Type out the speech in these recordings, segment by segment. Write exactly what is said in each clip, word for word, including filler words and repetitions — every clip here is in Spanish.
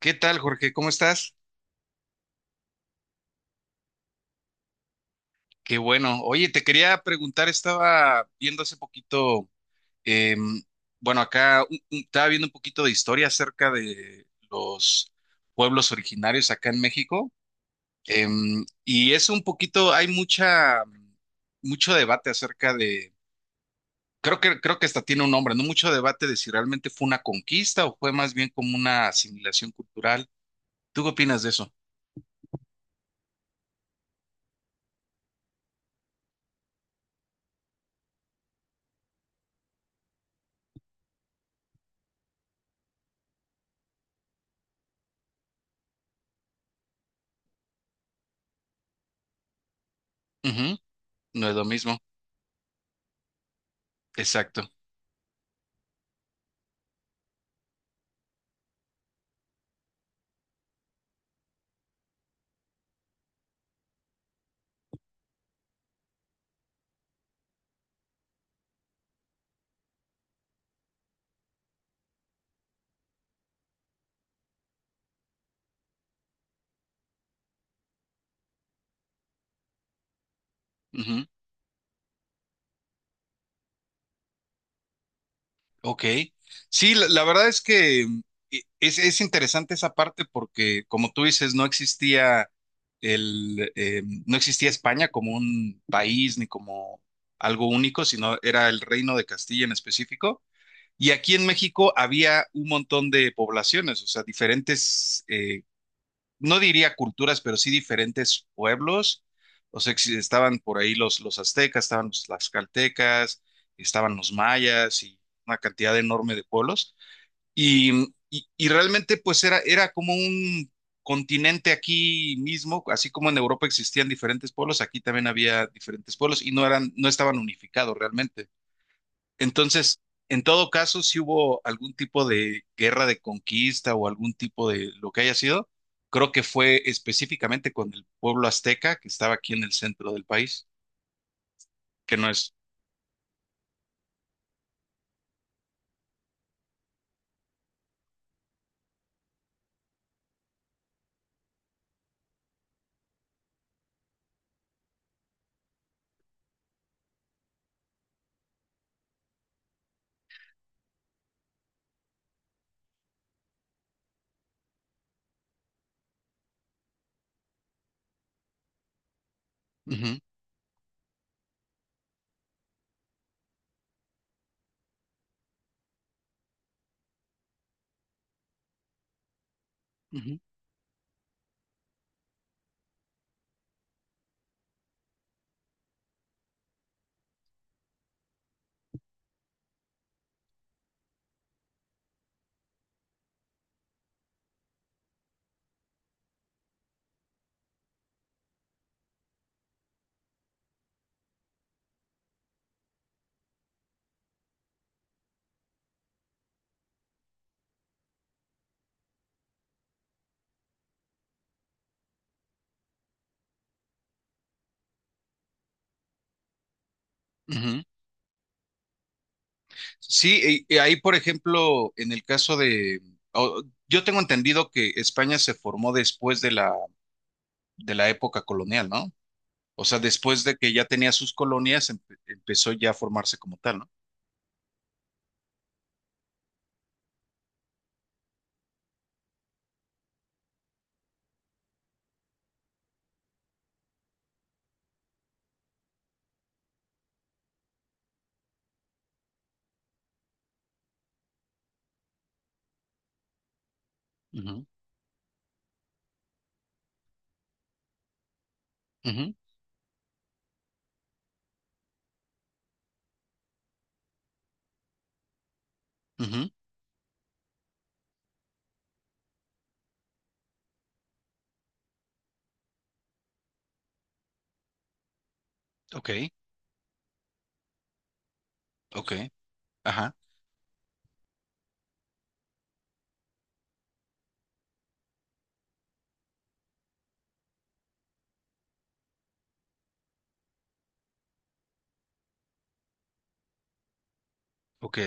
¿Qué tal, Jorge? ¿Cómo estás? Qué bueno. Oye, te quería preguntar, estaba viendo hace poquito, em, bueno, acá un- un- estaba viendo un poquito de historia acerca de los pueblos originarios acá en México. Em, y es un poquito, hay mucha, mucho debate acerca de, creo que, creo que hasta tiene un nombre, ¿no? Mucho debate de si realmente fue una conquista o fue más bien como una asimilación cultural. ¿Tú qué opinas de eso? Ujú. No es lo mismo. Exacto. Ok. Sí, la, la verdad es que mm, e- es, es interesante esa parte porque, como tú dices, no existía el, eh, no existía España como un país ni como algo único, sino era el Reino de Castilla en específico. Y aquí en México había un montón de poblaciones, o sea, diferentes eh, no diría culturas, pero sí diferentes pueblos. O sea, que estaban por ahí los, los aztecas, estaban los tlaxcaltecas, estaban los mayas y una cantidad enorme de pueblos. Y, y- y realmente pues era, era como un continente aquí mismo, así como en Europa existían diferentes pueblos, aquí también había diferentes pueblos y no eran, no estaban unificados realmente. Entonces, en todo caso, si hubo algún tipo de guerra de conquista o algún tipo de lo que haya sido, creo que fue específicamente con el pueblo azteca que estaba aquí en el centro del país, que no es... Ujú, ujú, ujú. Sí, y- y ahí, por ejemplo, en el caso de... o- yo tengo entendido que España se formó después de la, de la época colonial, ¿no? O sea, después de que ya tenía sus colonias, empe- empezó ya a formarse como tal, ¿no? Ujú, ujú, ujú. Ok, ok. Ajá, ok,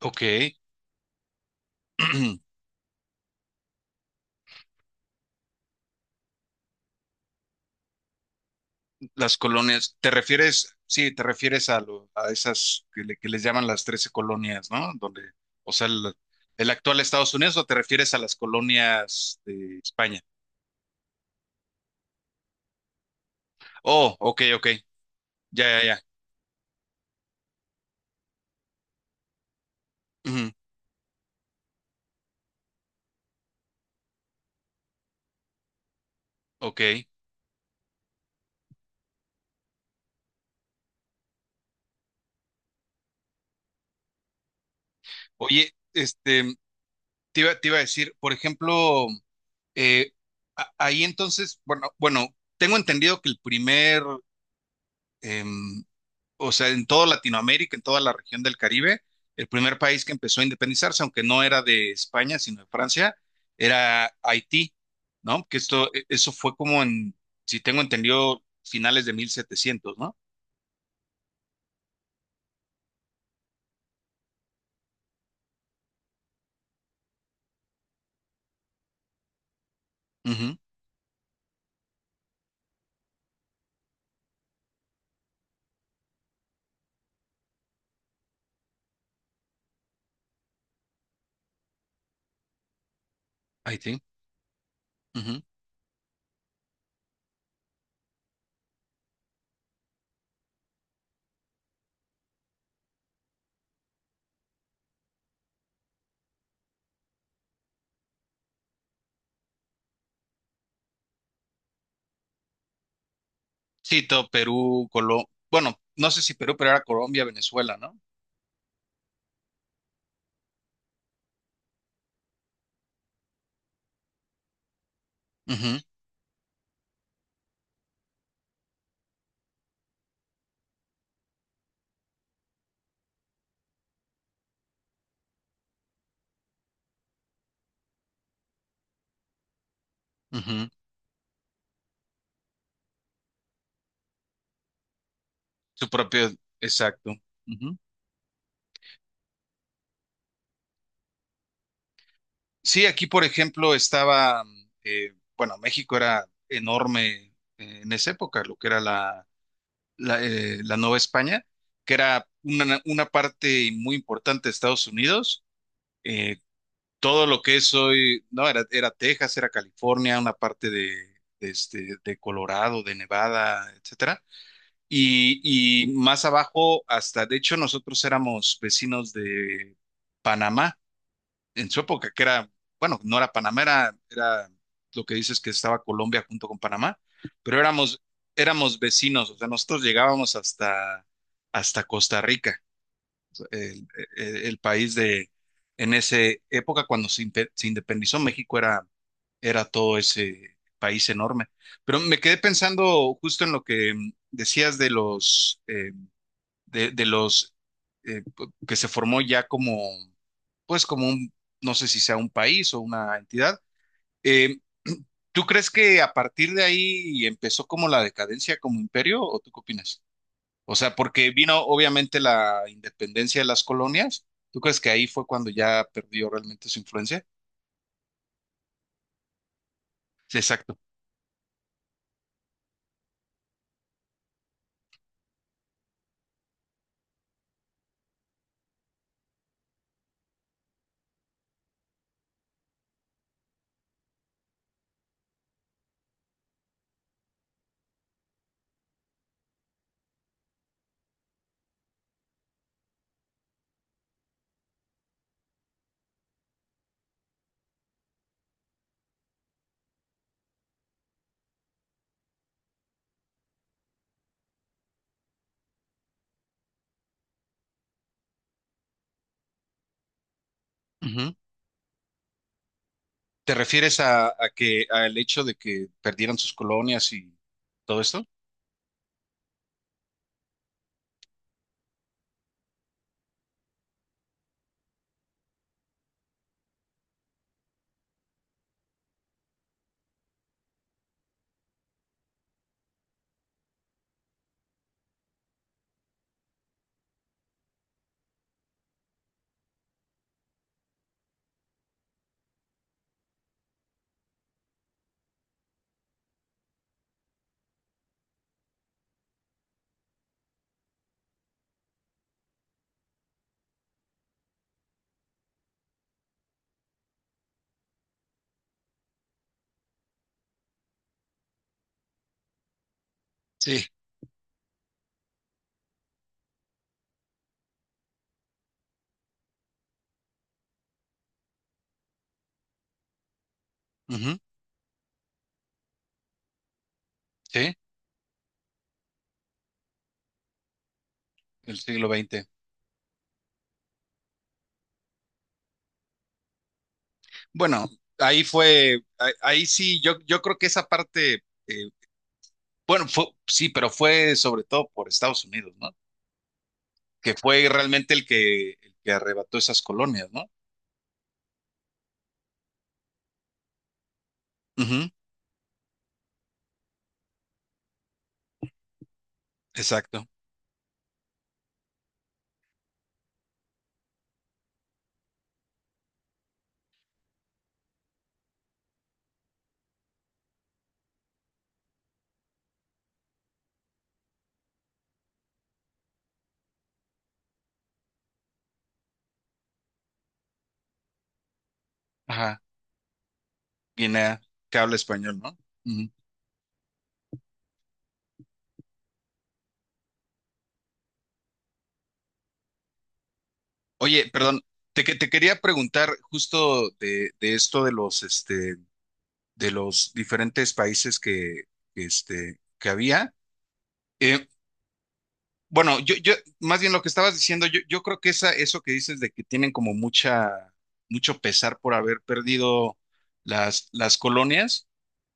ok. Las colonias, ¿te refieres? Sí, te refieres a, lo- a esas que, le- que les llaman las trece colonias, ¿no? Donde, o sea, el, el actual Estados Unidos, ¿o te refieres a las colonias de España? Oh, ok, ok, ya, ya, ya. Ujú. Ok. Oye, este, te iba, te iba a decir, por ejemplo, eh, a- ahí entonces, bueno, bueno, tengo entendido que el primer, em, o sea, en toda Latinoamérica, en toda la región del Caribe, el primer país que empezó a independizarse, aunque no era de España, sino de Francia, era Haití, ¿no? Que esto, e- eso fue como en, si tengo entendido, finales de mil setecientos, ¿no? Ujú. Haití. Ujú. Sí, todo Perú, Colombia, bueno, no sé si Perú, pero era Colombia, Venezuela, ¿no? Ujú, ujú. Su propio, exacto. Ujú. Sí, aquí, por ejemplo, estaba, eh, bueno, México era enorme eh, en esa época, lo que era la, la, eh, la Nueva España, que era una, una parte muy importante de Estados Unidos. eh, Todo lo que es hoy, no, era, era Texas, era California, una parte de, de este, de Colorado, de Nevada, etcétera. Y, y más abajo, hasta, de hecho, nosotros éramos vecinos de Panamá en su época, que era, bueno, no era Panamá, era, era lo que dices que estaba Colombia junto con Panamá, pero éramos, éramos vecinos, o sea, nosotros llegábamos hasta, hasta Costa Rica, el, el- el país de, en esa época cuando se, impe- se independizó México era era todo ese país enorme. Pero me quedé pensando justo en lo que mm, decías de los... eh, de, de los eh, que se formó ya como, pues como un, no sé si sea un país o una entidad. Eh, ¿Tú crees que a partir de ahí empezó como la decadencia como imperio o tú qué opinas? O sea, porque vino obviamente la independencia de las colonias. ¿Tú crees que ahí fue cuando ya perdió realmente su influencia? Sí, exacto. Ujú. ¿Te refieres a, a que al hecho de que perdieran sus colonias y todo esto? Sí. Ujú. Sí, el siglo veinte. Bueno, ahí fue, ahí, ahí sí, yo, yo creo que esa parte, eh, bueno, fue, sí, pero fue sobre todo por Estados Unidos, ¿no? Que fue realmente el que, el que arrebató esas colonias, ¿no? Ujú, exacto. Ajá. Guinea, que habla español, ¿no? Ujú. Oye, perdón, te, que- te quería preguntar justo de, de esto de los, este, de los diferentes países que, que, este, que había. Eh, Bueno, yo, yo, más bien lo que estabas diciendo, yo, yo creo que esa, eso que dices de que tienen como mucha, mucho pesar por haber perdido las, las colonias.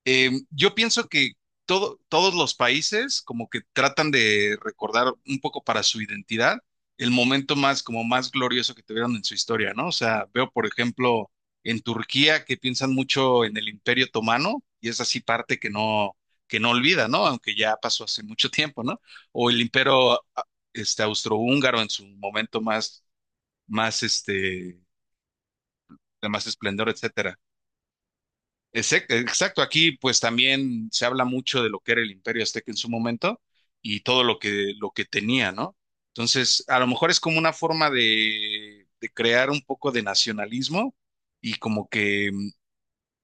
Eh, yo pienso que todo, todos los países como que tratan de recordar un poco para su identidad el momento más como más glorioso que tuvieron en su historia, ¿no? O sea, veo por ejemplo en Turquía que piensan mucho en el Imperio Otomano y es así parte que no que no olvida, ¿no? Aunque ya pasó hace mucho tiempo, ¿no? O el Imperio ah, este austrohúngaro en su momento más más este de más esplendor, etcétera. Exac- Exacto, aquí pues también se habla mucho de lo que era el Imperio Azteca en su momento y todo lo que, lo que tenía, ¿no? Entonces, a lo mejor es como una forma de, de crear un poco de nacionalismo y como que mm,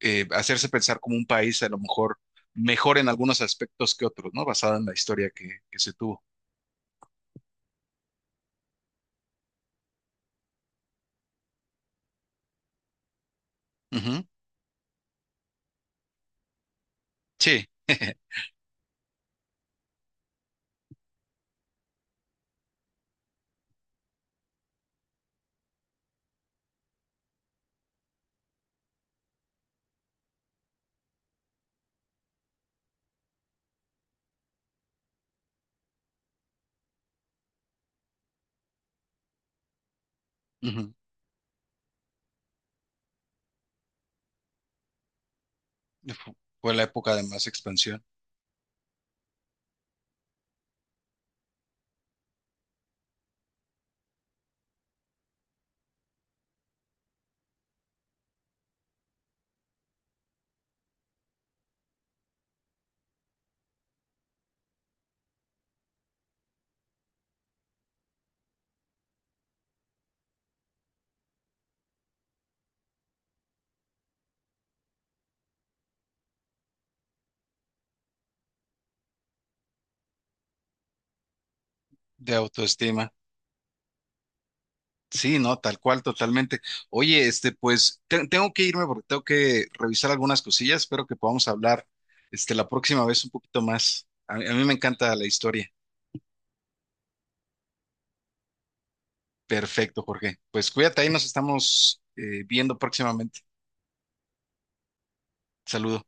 eh, hacerse pensar como un país a lo mejor mejor en algunos aspectos que otros, ¿no? Basada en la historia que, que se tuvo. Ujú. Sí, ujú. Fu- Fue la época de más expansión, de autoestima. Sí, no, tal cual, totalmente. Oye, este, pues te- tengo que irme porque tengo que revisar algunas cosillas. Espero que podamos hablar, este, la próxima vez un poquito más. A, a mí me encanta la historia. Perfecto, Jorge. Pues cuídate, ahí nos estamos eh, viendo próximamente. Saludos.